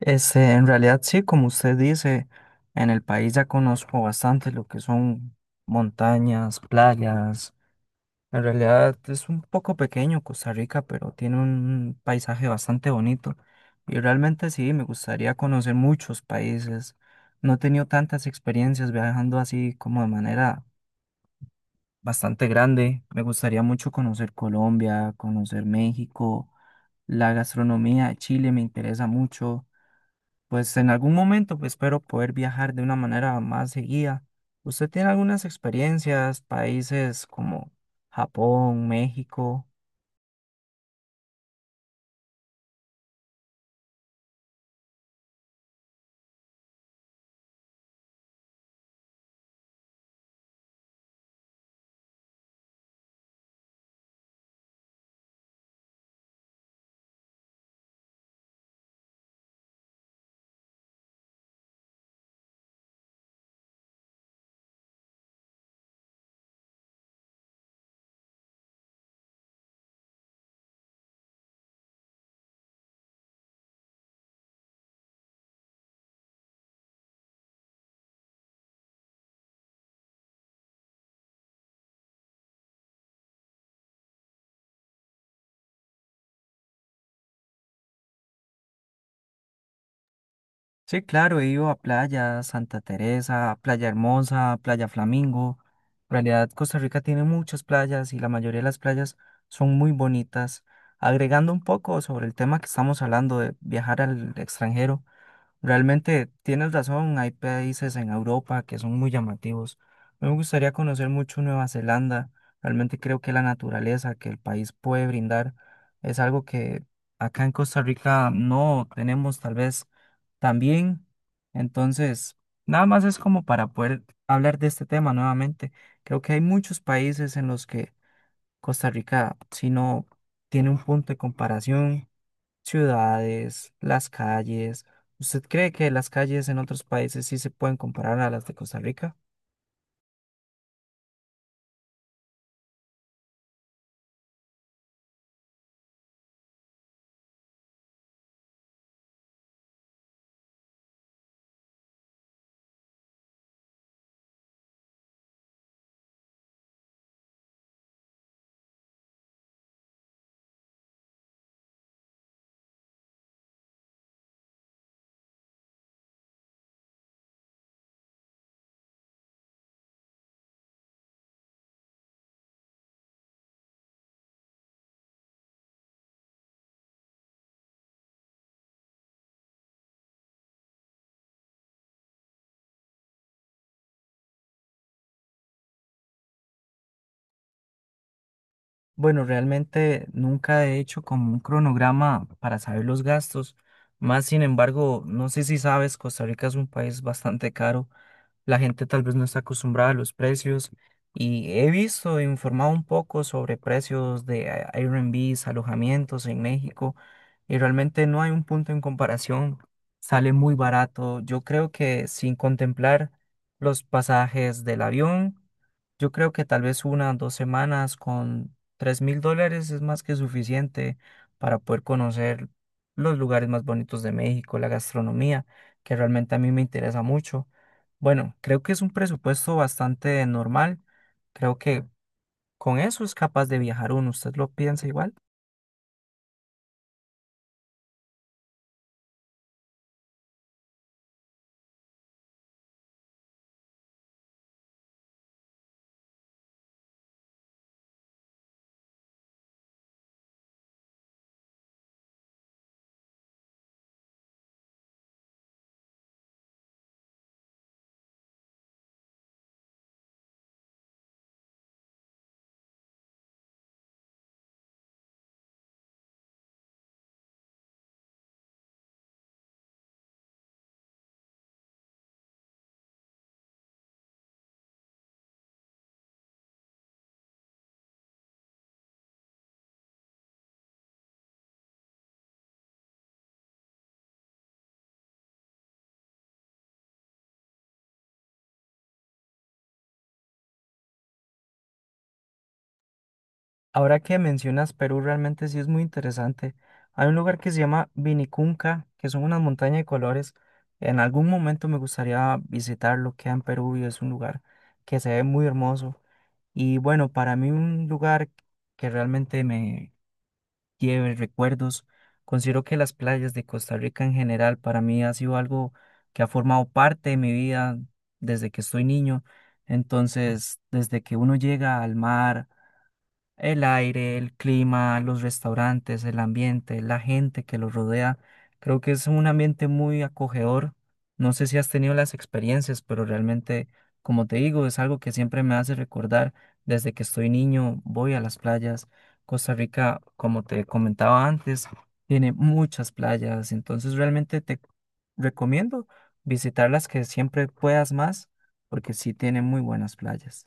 En realidad sí, como usted dice, en el país ya conozco bastante lo que son montañas, playas. En realidad es un poco pequeño Costa Rica, pero tiene un paisaje bastante bonito. Y realmente sí, me gustaría conocer muchos países. No he tenido tantas experiencias viajando así como de manera bastante grande. Me gustaría mucho conocer Colombia, conocer México, la gastronomía de Chile me interesa mucho. Pues en algún momento pues, espero poder viajar de una manera más seguida. ¿Usted tiene algunas experiencias, países como Japón, México? Sí, claro, he ido a playa Santa Teresa, Playa Hermosa, Playa Flamingo. En realidad, Costa Rica tiene muchas playas y la mayoría de las playas son muy bonitas. Agregando un poco sobre el tema que estamos hablando de viajar al extranjero, realmente tienes razón, hay países en Europa que son muy llamativos. Me gustaría conocer mucho Nueva Zelanda. Realmente creo que la naturaleza que el país puede brindar es algo que acá en Costa Rica no tenemos tal vez tan bien. Entonces, nada más es como para poder hablar de este tema nuevamente. Creo que hay muchos países en los que Costa Rica, si no tiene un punto de comparación ciudades, las calles. ¿Usted cree que las calles en otros países sí se pueden comparar a las de Costa Rica? Bueno, realmente nunca he hecho como un cronograma para saber los gastos. Más sin embargo, no sé si sabes, Costa Rica es un país bastante caro. La gente tal vez no está acostumbrada a los precios. Y he visto, e informado un poco sobre precios de Airbnbs, alojamientos en México. Y realmente no hay un punto en comparación. Sale muy barato. Yo creo que sin contemplar los pasajes del avión. Yo creo que tal vez unas 2 semanas con $3.000 es más que suficiente para poder conocer los lugares más bonitos de México, la gastronomía, que realmente a mí me interesa mucho. Bueno, creo que es un presupuesto bastante normal. Creo que con eso es capaz de viajar uno. ¿Usted lo piensa igual? Ahora que mencionas Perú, realmente sí es muy interesante. Hay un lugar que se llama Vinicunca, que son unas montañas de colores. En algún momento me gustaría visitarlo, queda en Perú y es un lugar que se ve muy hermoso. Y bueno, para mí un lugar que realmente me lleve recuerdos, considero que las playas de Costa Rica en general para mí ha sido algo que ha formado parte de mi vida desde que estoy niño. Entonces, desde que uno llega al mar, el aire, el clima, los restaurantes, el ambiente, la gente que los rodea. Creo que es un ambiente muy acogedor. No sé si has tenido las experiencias, pero realmente, como te digo, es algo que siempre me hace recordar. Desde que estoy niño, voy a las playas. Costa Rica, como te comentaba antes, tiene muchas playas. Entonces, realmente te recomiendo visitar las que siempre puedas más, porque sí tiene muy buenas playas.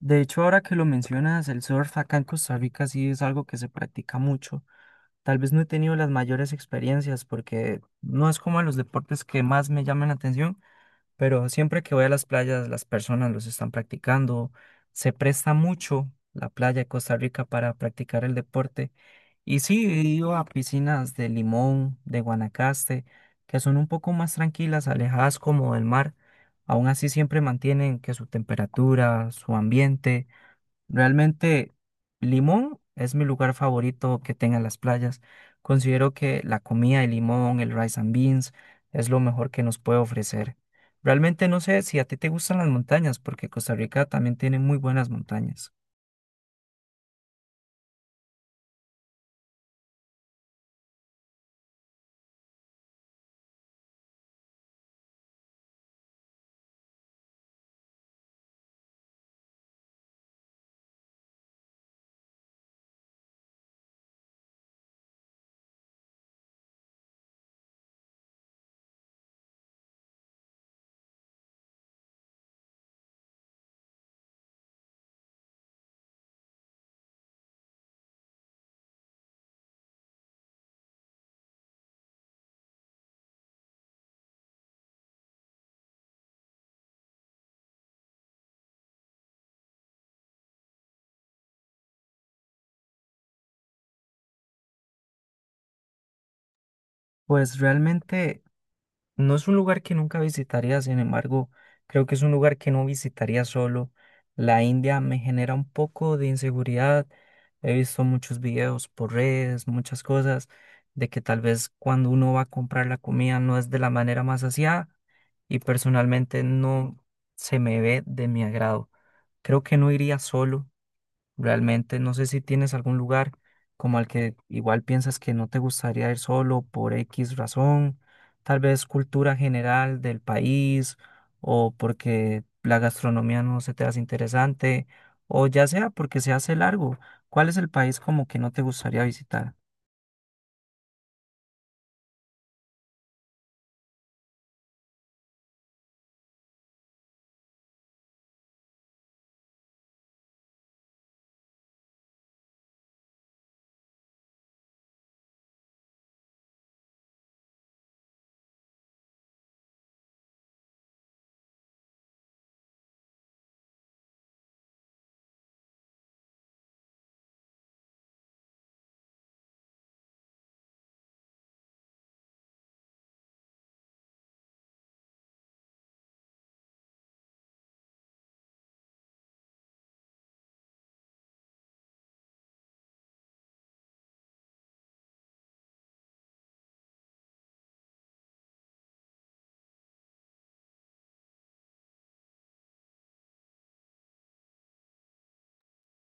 De hecho, ahora que lo mencionas, el surf acá en Costa Rica sí es algo que se practica mucho. Tal vez no he tenido las mayores experiencias porque no es como de los deportes que más me llaman la atención, pero siempre que voy a las playas, las personas los están practicando. Se presta mucho la playa de Costa Rica para practicar el deporte. Y sí, he ido a piscinas de Limón, de Guanacaste, que son un poco más tranquilas, alejadas como del mar. Aún así siempre mantienen que su temperatura, su ambiente. Realmente Limón es mi lugar favorito que tenga las playas. Considero que la comida de Limón, el rice and beans, es lo mejor que nos puede ofrecer. Realmente no sé si a ti te gustan las montañas, porque Costa Rica también tiene muy buenas montañas. Pues realmente no es un lugar que nunca visitaría, sin embargo, creo que es un lugar que no visitaría solo. La India me genera un poco de inseguridad. He visto muchos videos por redes, muchas cosas, de que tal vez cuando uno va a comprar la comida no es de la manera más aseada y personalmente no se me ve de mi agrado. Creo que no iría solo. Realmente no sé si tienes algún lugar como al que igual piensas que no te gustaría ir solo por X razón, tal vez cultura general del país o porque la gastronomía no se te hace interesante o ya sea porque se hace largo. ¿Cuál es el país como que no te gustaría visitar?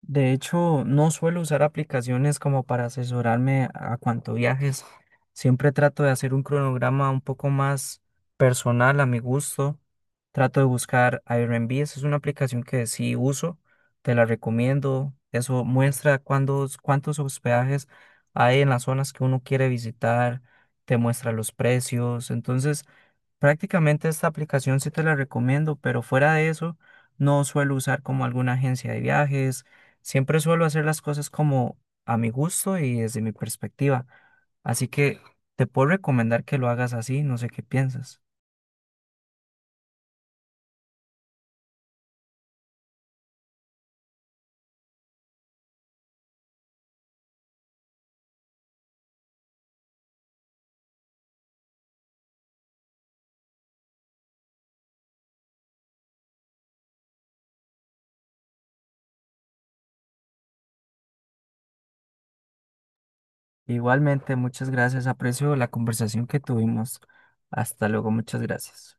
De hecho, no suelo usar aplicaciones como para asesorarme a cuanto viajes. Siempre trato de hacer un cronograma un poco más personal a mi gusto. Trato de buscar Airbnb. Esa es una aplicación que sí uso. Te la recomiendo. Eso muestra cuántos hospedajes hay en las zonas que uno quiere visitar. Te muestra los precios. Entonces, prácticamente esta aplicación sí te la recomiendo, pero fuera de eso, no suelo usar como alguna agencia de viajes. Siempre suelo hacer las cosas como a mi gusto y desde mi perspectiva. Así que te puedo recomendar que lo hagas así, no sé qué piensas. Igualmente, muchas gracias. Aprecio la conversación que tuvimos. Hasta luego, muchas gracias.